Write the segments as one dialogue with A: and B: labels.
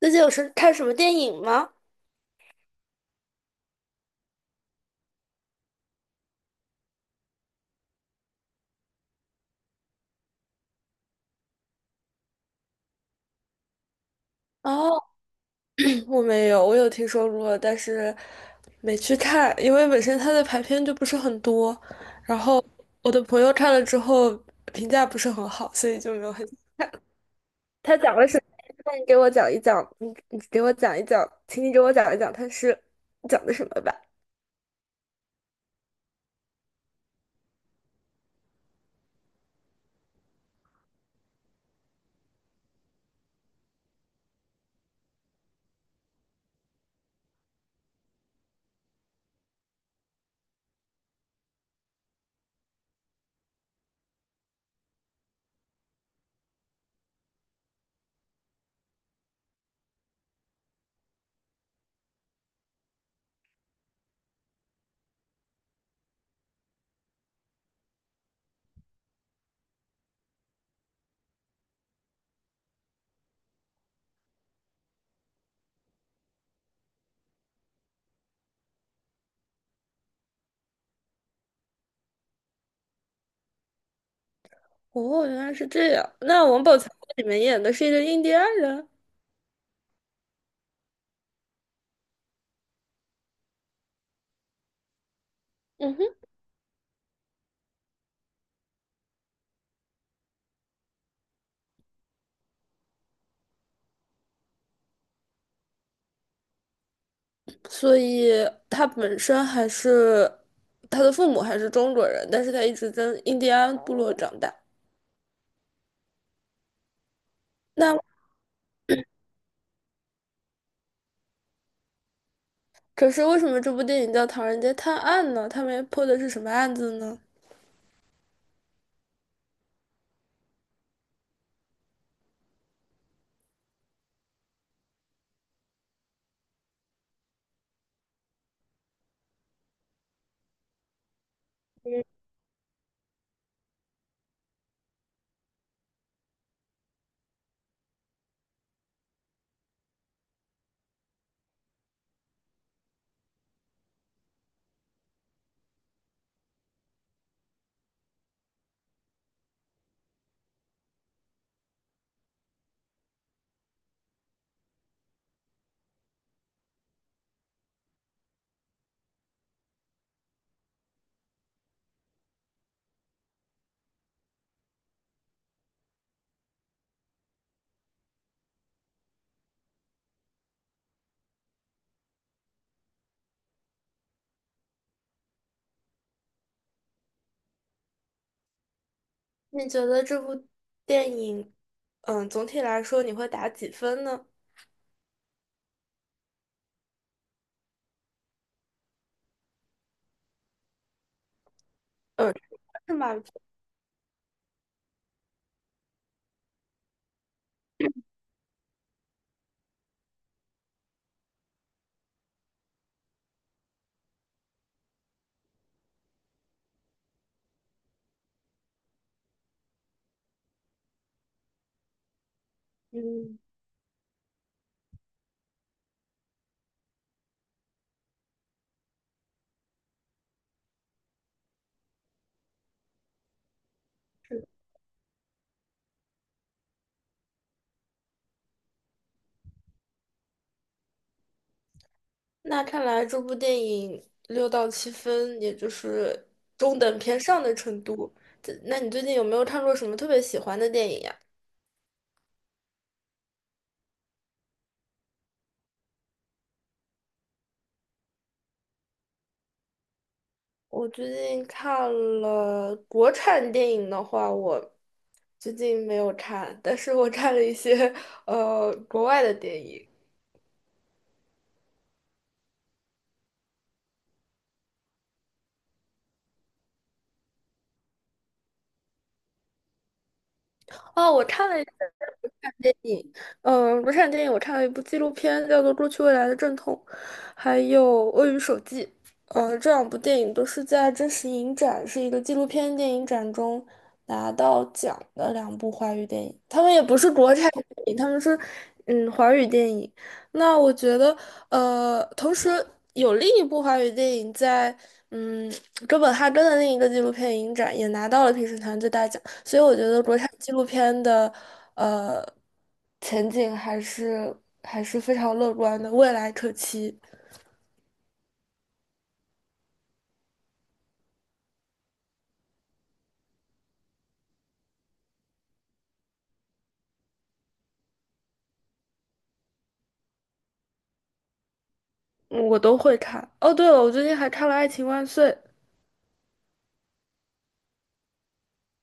A: 最近看什么电影吗？哦，我没有，我有听说过，但是没去看，因为本身它的排片就不是很多，然后我的朋友看了之后评价不是很好，所以就没有很。他讲了什么？那你给我讲一讲，你给我讲一讲，请你给我讲一讲，他是讲的什么吧？哦，原来是这样。那王宝强在里面演的是一个印第安人。嗯哼。所以他本身还是他的父母还是中国人，但是他一直在印第安部落长大。那可是为什么这部电影叫《唐人街探案》呢？他们破的是什么案子呢？你觉得这部电影，总体来说你会打几分呢？嗯，是满分。嗯，那看来这部电影6到7分，也就是中等偏上的程度。那你最近有没有看过什么特别喜欢的电影呀？我最近看了国产电影的话，我最近没有看，但是我看了一些国外的电影。哦，我看了一部电影，国产电影我看了一部纪录片，叫做《过去未来的阵痛》，还有《鳄鱼手记》。这两部电影都是在真实影展，是一个纪录片电影展中拿到奖的两部华语电影。他们也不是国产电影，他们是华语电影。那我觉得，同时有另一部华语电影在，嗯，哥本哈根的另一个纪录片影展也拿到了评审团最大奖，所以我觉得国产纪录片的，呃，前景还是非常乐观的，未来可期，嗯我都会看。哦，对了，我最近还看了《爱情万岁》。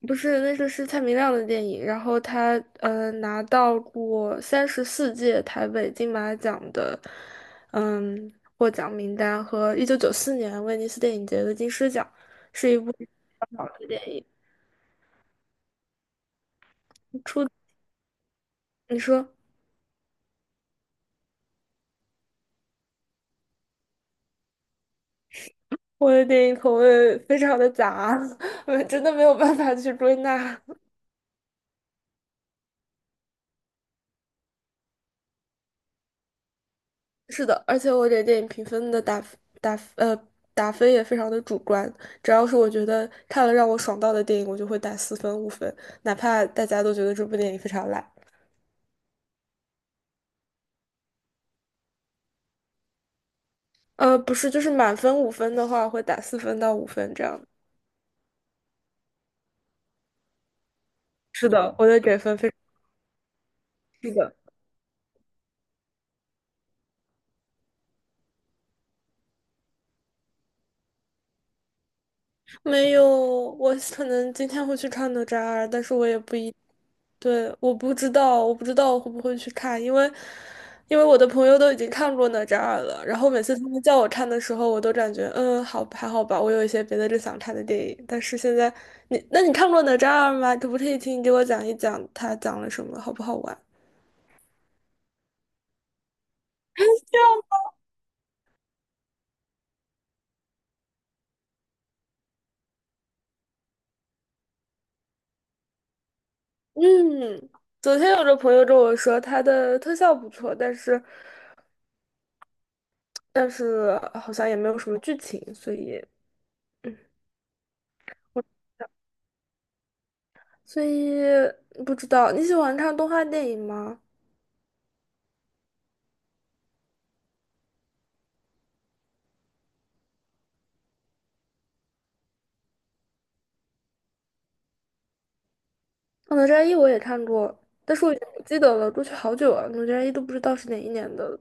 A: 不是，那个是蔡明亮的电影，然后他拿到过34届台北金马奖的嗯获奖名单和1994年威尼斯电影节的金狮奖。好的电影出，你说我的电影口味非常的杂，我真的没有办法去归纳。是的，而且我给电影评分的打呃打分也非常的主观，只要是我觉得看了让我爽到的电影，我就会打4分5分，哪怕大家都觉得这部电影非常烂。不是，就是满分5分的话，会打4分到5分这样。是的，我的给分非常是的，没有，我可能今天会去看哪吒二，但是我也不一，对，我不知道，我不知道我会不会去看，因为我的朋友都已经看过哪吒二了，然后每次他们叫我看的时候，我都感觉好，还好吧，我有一些别的更想看的电影，但是现在你，那你看过哪吒二吗？可不可以请你给我讲一讲它讲了什么，好不好玩？嗯，昨天有个朋友跟我说，它的特效不错，但是好像也没有什么剧情，所以。嗯所以不知道你喜欢看动画电影吗？哦哪吒一我也看过，但是我已经不记得了，过去好久了，哪吒一都不知道是哪一年的了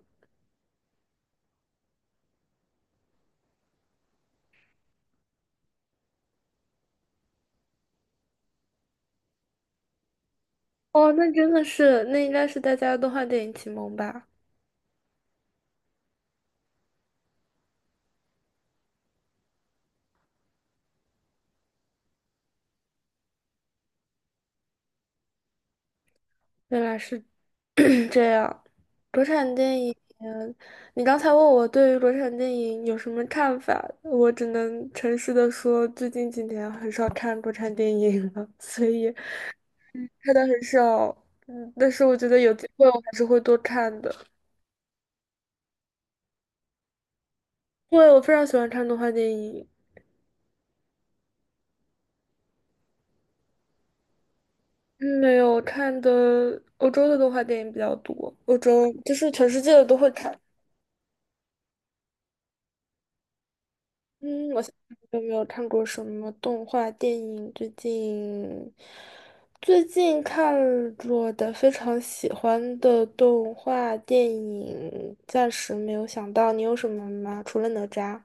A: 哦，那真的是，那应该是大家的动画电影启蒙吧？原来是 这样。国产电影，你刚才问我对于国产电影有什么看法，我只能诚实的说，最近几年很少看国产电影了，所以看的很少。但是我觉得有机会我还是会多看的。对，我非常喜欢看动画电影，嗯没有看的欧洲的动画电影比较多，欧洲就是全世界的都会看。嗯，我想想有没有看过什么动画电影？最近看过的非常喜欢的动画电影，暂时没有想到，你有什么吗？除了哪吒？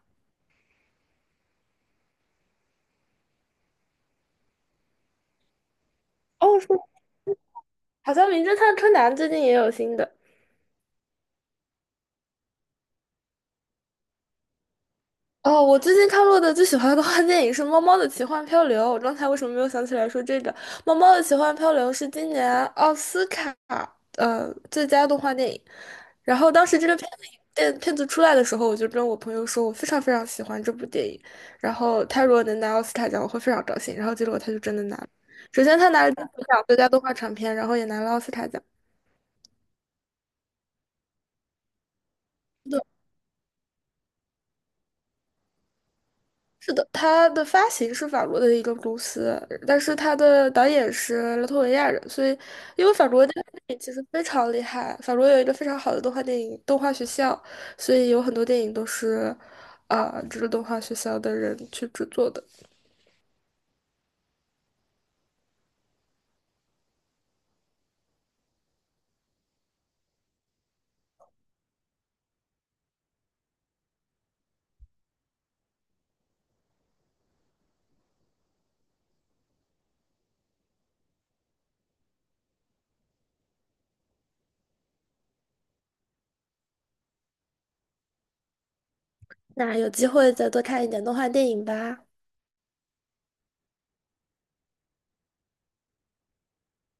A: 哦，是，好像《名侦探柯南》最近也有新的。哦，我最近看过的最喜欢的动画电影是《猫猫的奇幻漂流》。我刚才为什么没有想起来说这个？《猫猫的奇幻漂流》是今年奥斯卡最佳动画电影。然后当时这个片子出来的时候，我就跟我朋友说，我非常非常喜欢这部电影。然后他如果能拿奥斯卡奖，我会非常高兴。然后结果他就真的拿了。首先他拿了金球奖最佳动画长片，然后也拿了奥斯卡奖。是的，它的发行是法国的一个公司，但是它的导演是拉脱维亚人，所以因为法国的动画电影其实非常厉害，法国有一个非常好的动画电影动画学校，所以有很多电影都是这个动画学校的人去制作的。那有机会再多看一点动画电影吧。